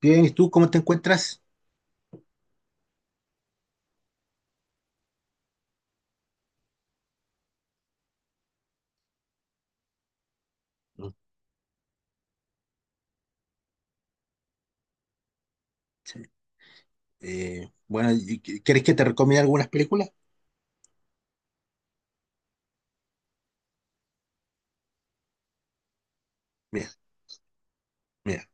Bien, ¿y tú cómo te encuentras? Bueno, ¿quieres que te recomiende algunas películas? Mira, mira.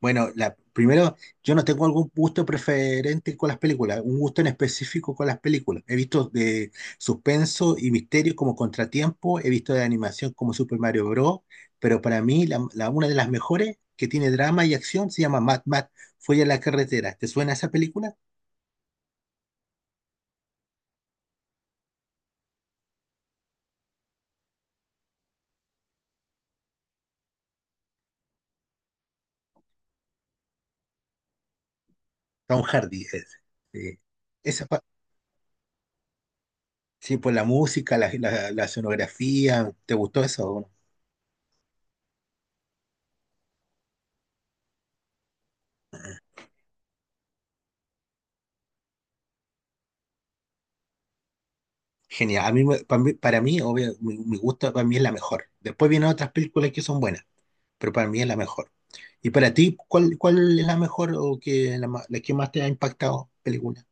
Bueno, primero, yo no tengo algún gusto preferente con las películas, un gusto en específico con las películas. He visto de suspenso y misterio como Contratiempo, he visto de animación como Super Mario Bros., pero para mí una de las mejores que tiene drama y acción se llama Mad Mad, fue a la carretera. ¿Te suena esa película? Tom Hardy es. Sí. Esa, Sí, pues la música, la escenografía, ¿te gustó eso? Genial. A mí, para mí, obvio, mi gusto para mí es la mejor. Después vienen otras películas que son buenas, pero para mí es la mejor. ¿Y para ti, cuál es la mejor o que, la, ma- la que más te ha impactado película?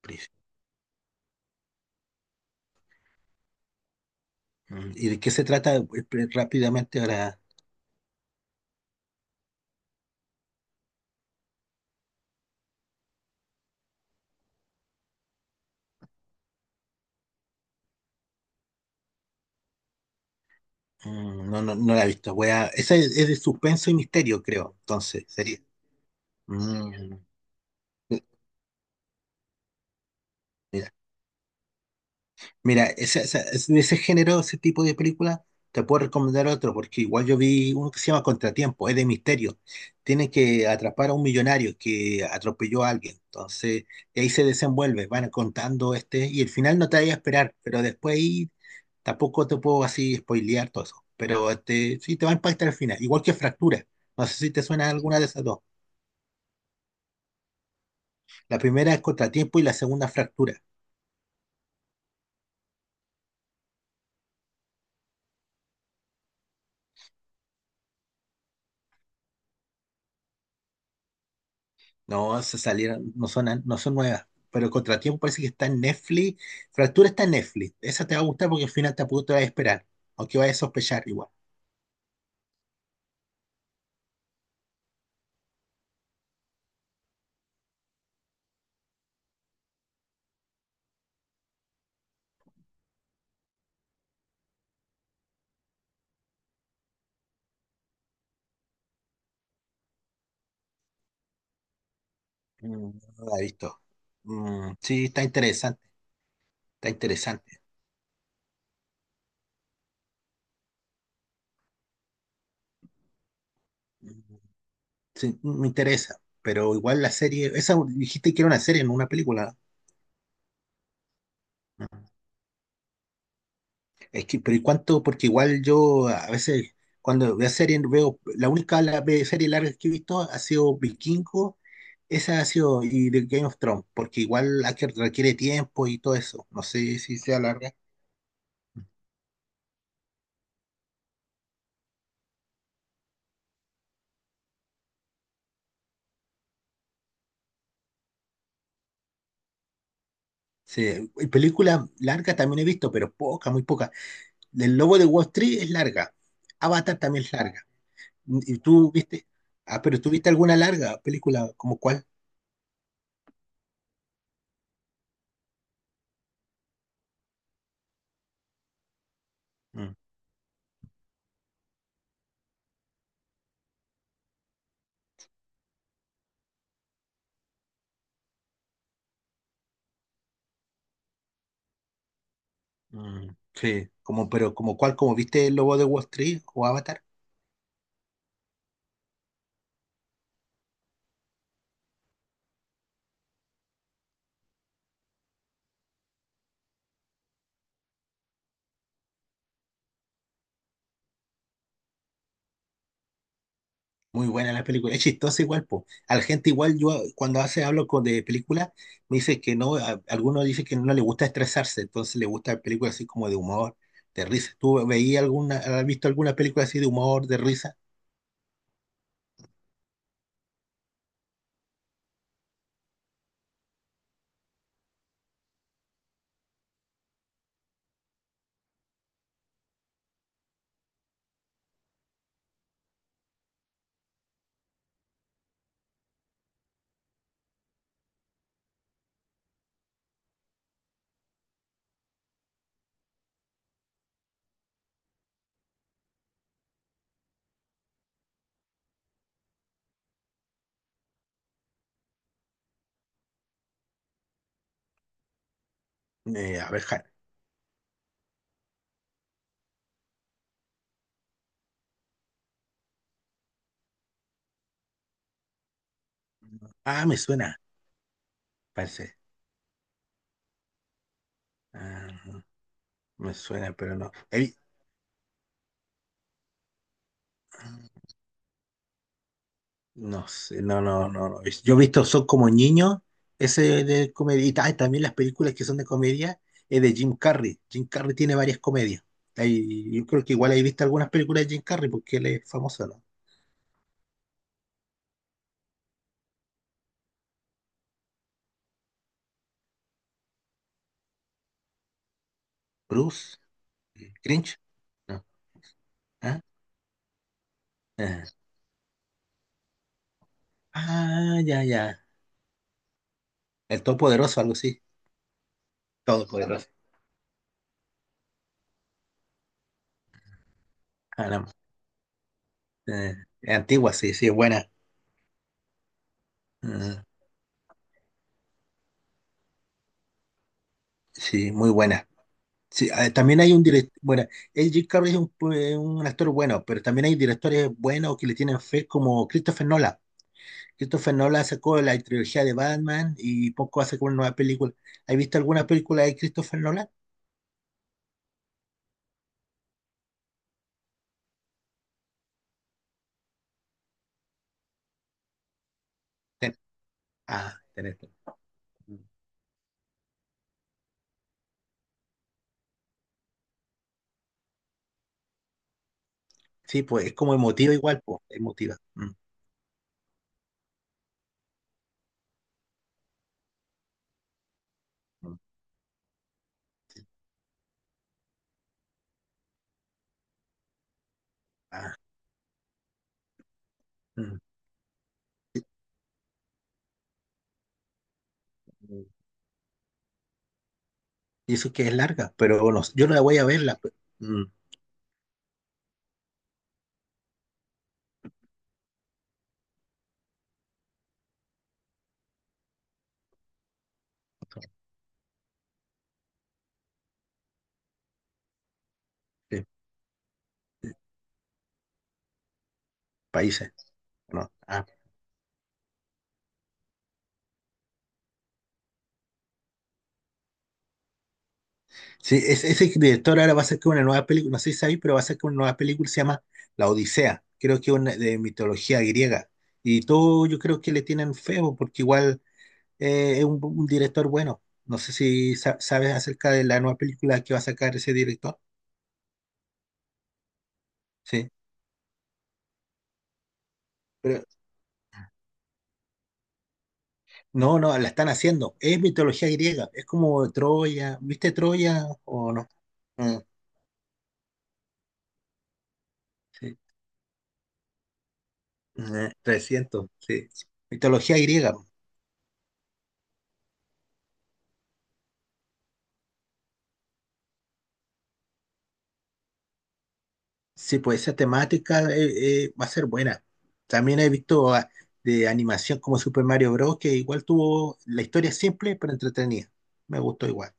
¿Pris? Mm. ¿Y de qué se trata rápidamente ahora? Mm. No, no, no la he visto. Esa es de suspenso y misterio, creo. Entonces, sería. Mm. Mira. Mira, de ese género, ese tipo de película, te puedo recomendar otro, porque igual yo vi uno que se llama Contratiempo, es de misterio. Tiene que atrapar a un millonario que atropelló a alguien. Entonces, ahí se desenvuelve, van contando, y el final no te vaya a esperar, pero después ahí tampoco te puedo así spoilear todo eso. Pero sí te va a impactar el final, igual que Fractura. No sé si te suena alguna de esas dos. La primera es Contratiempo y la segunda Fractura. No, se salieron, no son nuevas. Pero Contratiempo parece que está en Netflix. Fractura está en Netflix. Esa te va a gustar porque al final tampoco te vas a esperar. Aunque vayas a sospechar igual. Mm. No la he visto. Mm, sí, está interesante. Está interesante. Mm, sí, me interesa. Pero igual la serie. Esa dijiste que era una serie, no una película, ¿no? Es que, pero ¿y cuánto? Porque igual yo a veces cuando veo series, la única serie larga que he visto ha sido Vikingo, esa ha sido, y de Game of Thrones, porque igual requiere tiempo y todo eso. No sé si sea larga. Sí, y películas largas también he visto, pero poca, muy poca. El Lobo de Wall Street es larga. Avatar también es larga. ¿Y tú viste? Ah, pero ¿tú viste alguna larga película? ¿Como cuál? Mm, mm, sí, pero ¿como cuál? ¿Como viste El Lobo de Wall Street o Avatar? Muy buena la película, es chistosa igual, po. A la gente igual, yo cuando hace hablo de películas, me dice que no, algunos dicen que no le gusta estresarse, entonces le gusta películas así como de humor, de risa. ¿Has visto alguna película así de humor, de risa? A ver, ah, me suena, parece. Ah, me suena, pero no. No sé, no, no, no, no. Yo he visto Son como niños, ese de comedia. Y también las películas que son de comedia es de Jim Carrey. Jim Carrey tiene varias comedias. Yo creo que igual hay visto algunas películas de Jim Carrey porque él es famoso, ¿no? Bruce, Grinch, ¿no? ¿Ah? Eh. Ah, ya, ya. El Todopoderoso, algo así. Todopoderoso. Ah, no. Eh, es antigua, sí, sí, es buena. Eh, sí, muy buena. Sí, también hay un director, bueno, el Jim Carrey es un actor bueno, pero también hay directores buenos que le tienen fe, como Christopher Nolan. Christopher Nolan sacó la trilogía de Batman y poco hace con una nueva película. ¿Has visto alguna película de Christopher Nolan? Ten- ah, tenés. Mm. Sí, pues es como emotiva igual, pues, emotiva. Mm, mm, ah, mm. Mm. Y eso que es larga, pero bueno, yo no la voy a verla, pues. Mm. Sí, países, ¿no? Ah. Sí, ese director ahora va a sacar una nueva película, no sé si sabéis, pero va a sacar una nueva película, que se llama La Odisea, creo que es una de mitología griega. Y todo yo creo que le tienen feo, porque igual es un director bueno. No sé si sabes acerca de la nueva película que va a sacar ese director. Sí, pero no, no, la están haciendo. Es mitología griega, es como Troya, ¿viste Troya o no? Mm, sí. Mm, 300, sí. Mitología griega. Sí, pues esa temática va a ser buena. También he visto, de animación como Super Mario Bros. Que igual tuvo la historia simple pero entretenida. Me gustó igual.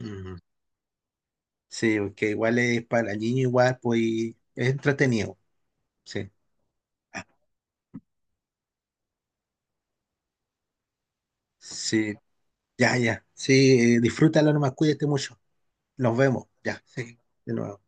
Ujú. Sí, que igual es para niños igual, pues y es entretenido. Sí. Ah, sí, ya, ya. Sí, disfrútalo nomás, cuídate mucho. Nos vemos. Ya, sí, de nuevo.